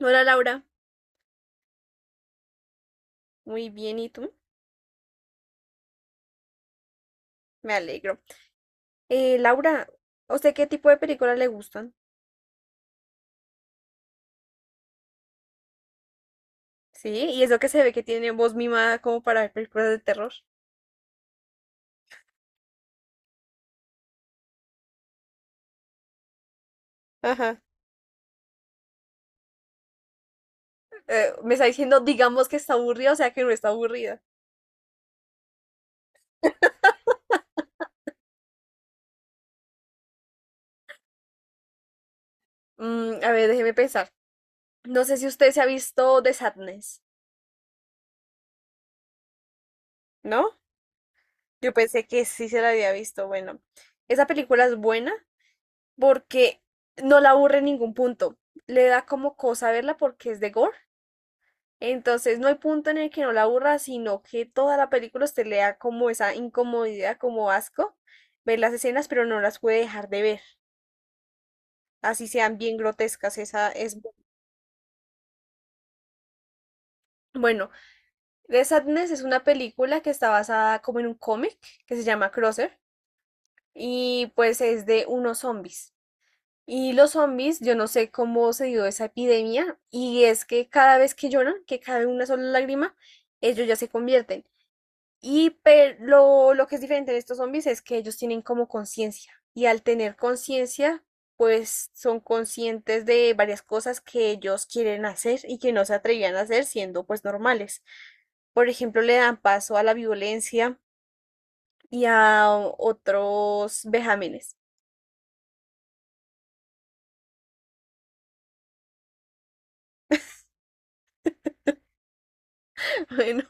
Hola Laura, muy bien, ¿y tú? Me alegro. Laura, ¿a usted qué tipo de películas le gustan? Sí, y eso que se ve que tiene voz mimada como para ver películas de terror. Ajá. Me está diciendo, digamos que está aburrida, o sea que no está aburrida. Mm, a ver, déjeme pensar. No sé si usted se ha visto The Sadness, ¿no? Yo pensé que sí se la había visto. Bueno, esa película es buena porque no la aburre en ningún punto. Le da como cosa verla porque es de gore. Entonces no hay punto en el que no la aburra, sino que toda la película usted le da como esa incomodidad, como asco, ver las escenas, pero no las puede dejar de ver, así sean bien grotescas. Bueno. The Sadness es una película que está basada como en un cómic que se llama Crosser y pues es de unos zombies. Y los zombies, yo no sé cómo se dio esa epidemia, y es que cada vez que lloran, que cae una sola lágrima, ellos ya se convierten. Y pero lo que es diferente de estos zombies es que ellos tienen como conciencia. Y al tener conciencia, pues son conscientes de varias cosas que ellos quieren hacer y que no se atrevían a hacer siendo pues normales. Por ejemplo, le dan paso a la violencia y a otros vejámenes. Bueno,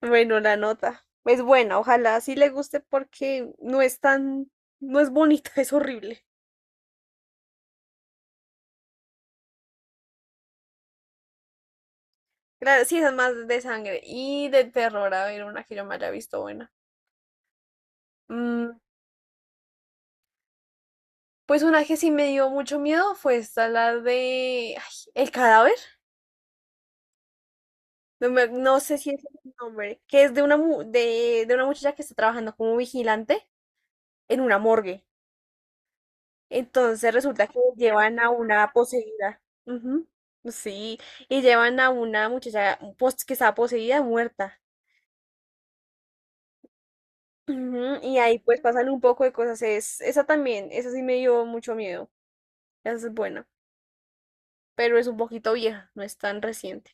bueno, la nota. Es buena, ojalá sí le guste porque no es tan, no es bonita, es horrible. Claro, sí, esas más de sangre y de terror, a ver, una que yo me haya visto buena. Mm, pues una que sí me dio mucho miedo fue esta, la de ay, El cadáver. No, no sé si es el nombre, que es de una, de una muchacha que está trabajando como vigilante en una morgue. Entonces resulta que llevan a una poseída. Ujú. Sí, y llevan a una muchacha que estaba poseída, muerta. Ujú, y ahí pues pasan un poco de cosas. Es, esa también, esa sí me dio mucho miedo. Esa es buena, pero es un poquito vieja, no es tan reciente.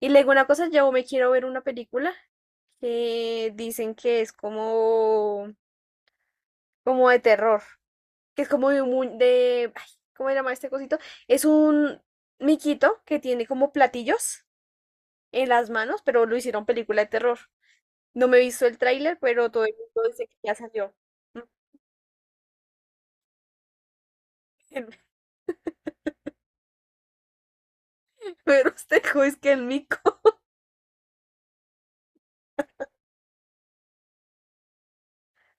Y luego una cosa, yo me quiero ver una película que dicen que es como, como de terror, que es como de, ay, ¿cómo se llama este cosito? Es un miquito que tiene como platillos en las manos, pero lo hicieron película de terror. No me he visto el tráiler, pero todo el mundo dice que ya salió. Pero usted es que el mico.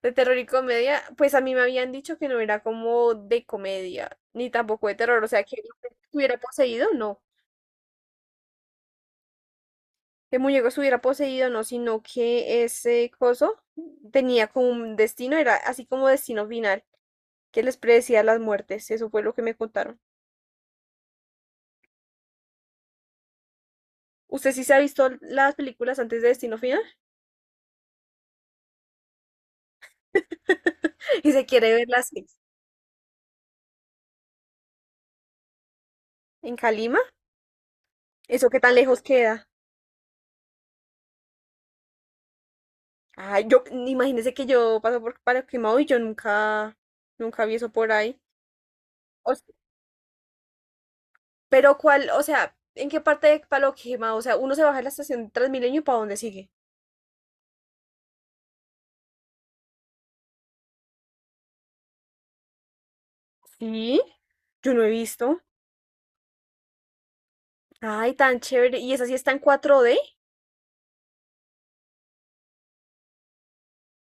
De terror y comedia, pues a mí me habían dicho que no era como de comedia, ni tampoco de terror, o sea, que el muñeco estuviera poseído, no, que el muñeco estuviera poseído, no, sino que ese coso tenía como un destino, era así como destino final, que les predecía las muertes, eso fue lo que me contaron. ¿Usted sí se ha visto las películas antes de Destino Final? Y se quiere verlas en Calima, eso qué tan lejos queda. Ay, yo, imagínese que yo paso por Paraquemao y yo nunca, nunca vi eso por ahí. Pero cuál, o sea, ¿en qué parte de Paloquima? O sea, uno se baja en la estación de Transmilenio y ¿para dónde sigue? Sí. Yo no he visto. Ay, tan chévere. ¿Y esa sí está en cuatro d?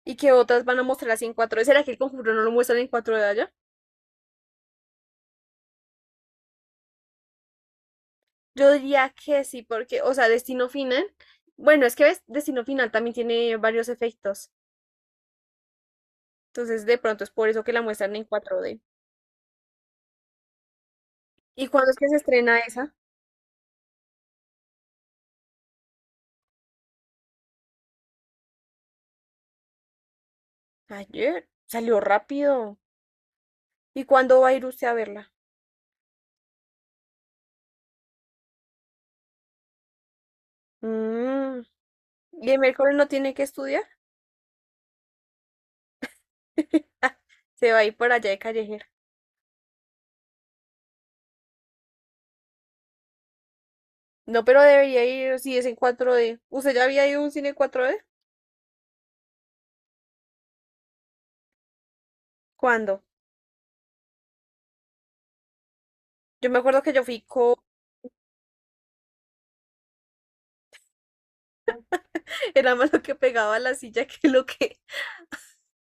¿Y qué otras van a mostrar así en cuatro d? ¿Será que el conjuro no lo muestran en cuatro d allá? Yo diría que sí, porque, o sea, Destino Final. Bueno, es que ves, Destino Final también tiene varios efectos. Entonces, de pronto es por eso que la muestran en cuatro d. ¿Y cuándo es que se estrena esa? Ayer. Salió rápido. ¿Y cuándo va a ir usted a verla? Mm. Y el miércoles no tiene que estudiar. Se va a ir por allá de callejera. No, pero debería ir si es en cuatro d. ¿Usted ya había ido a un cine cuatro d? ¿Cuándo? Yo me acuerdo que yo fui con... Era más lo que pegaba a la silla que lo que...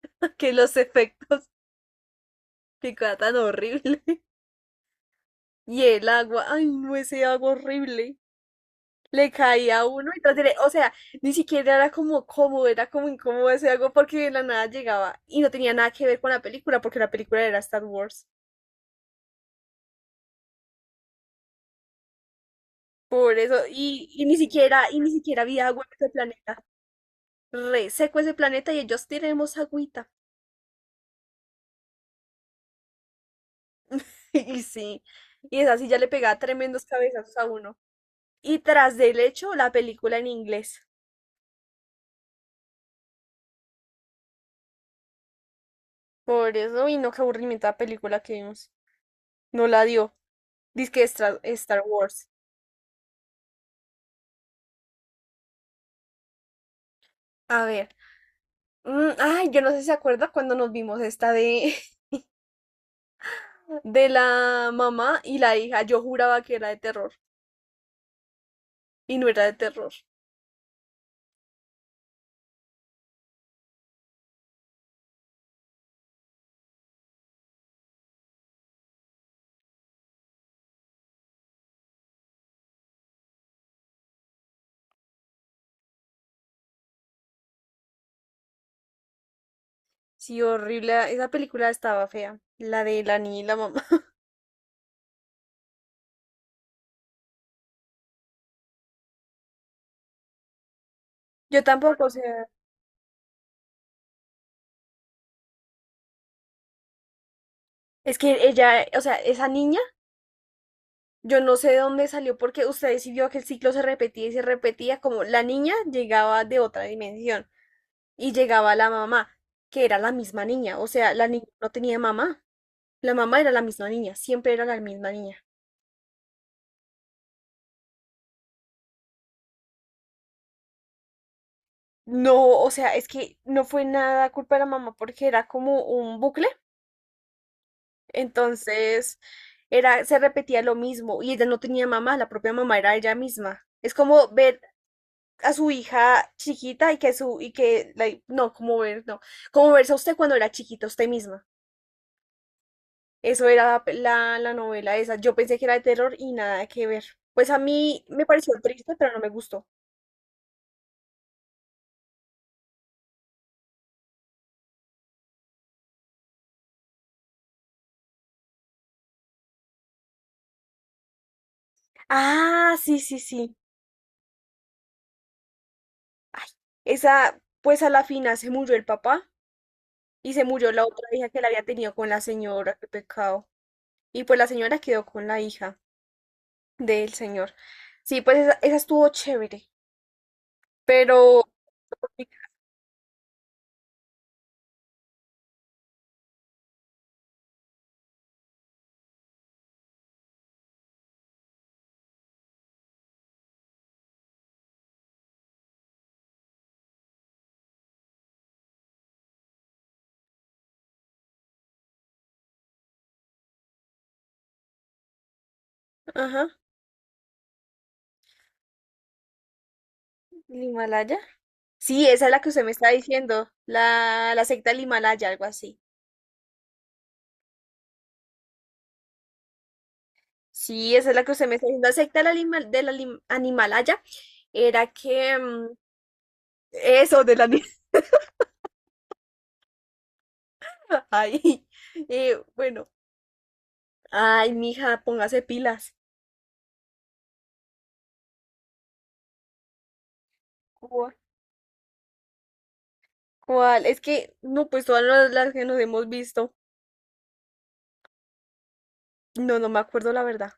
que los efectos, que era tan horrible. Y el agua, ay no, ese agua horrible. Le caía a uno y o sea, ni siquiera era como cómodo, era como incómodo ese agua porque de la nada llegaba y no tenía nada que ver con la película porque la película era Star Wars. Por eso, y ni siquiera, y ni siquiera había agua en ese planeta. Re seco ese planeta y ellos tenemos agüita. Y sí, y esa sí ya le pegaba tremendos cabezazos a uno. Y tras del hecho, la película en inglés. Por eso, y no, qué aburrimiento la película que vimos. No la dio. Dice que Star, Star Wars. A ver. Mm, ay, yo no sé si se acuerda cuando nos vimos esta de, de la mamá y la hija. Yo juraba que era de terror. Y no era de terror. Sí, horrible. Esa película estaba fea. La de la niña y la mamá. Yo tampoco, o sea, es que ella, o sea, esa niña, yo no sé de dónde salió porque usted sí vio que el ciclo se repetía y se repetía, como la niña llegaba de otra dimensión y llegaba la mamá, que era la misma niña, o sea, la niña no tenía mamá, la mamá era la misma niña, siempre era la misma niña. No, o sea, es que no fue nada culpa de la mamá porque era como un bucle. Entonces, era, se repetía lo mismo y ella no tenía mamá, la propia mamá era ella misma. Es como ver a su hija chiquita y que su, y que, no, como ver, no, como verse a usted cuando era chiquita, usted misma. Eso era la novela esa. Yo pensé que era de terror y nada que ver. Pues a mí me pareció triste, pero no me gustó. Ah, sí, sí, sí. Ay, esa, pues a la final se murió el papá y se murió la otra hija que la había tenido con la señora, qué pecado. Y pues la señora quedó con la hija del señor. Sí, pues esa estuvo chévere, pero... Ajá, el Himalaya. Sí, esa es la que usted me está diciendo, la secta del Himalaya, algo así. Sí, esa es la que usted me está diciendo, la secta del, Animalaya era que... mm, eso, de la niña. Ay, bueno. Ay, mija, póngase pilas. ¿Cuál? ¿Cuál? Es que, no, pues todas las que nos hemos visto. No, no me acuerdo la verdad.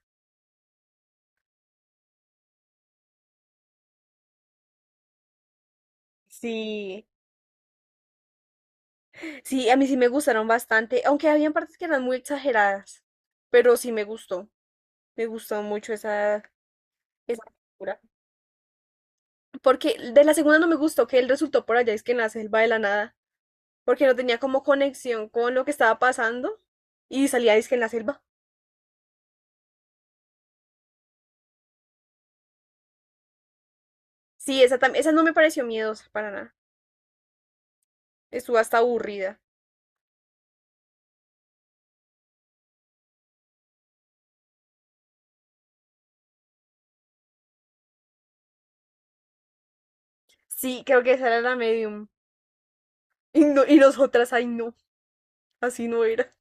Sí. Sí, a mí sí me gustaron bastante, aunque habían partes que eran muy exageradas, pero sí me gustó mucho esa, esa película. Porque de la segunda no me gustó que él resultó por allá, es que en la selva de la nada, porque no tenía como conexión con lo que estaba pasando y salía es que en la selva. Sí, esa, esa no me pareció miedosa para nada, estuvo hasta aburrida. Sí, creo que esa era la medium. Y, no, y nosotras, ay no, así no era.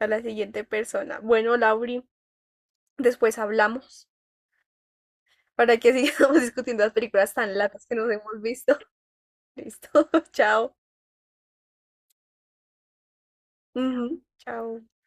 A la siguiente persona. Bueno, Lauri, después hablamos, para que sigamos discutiendo las películas tan latas que nos hemos visto. Listo, chao. Ujú, chao.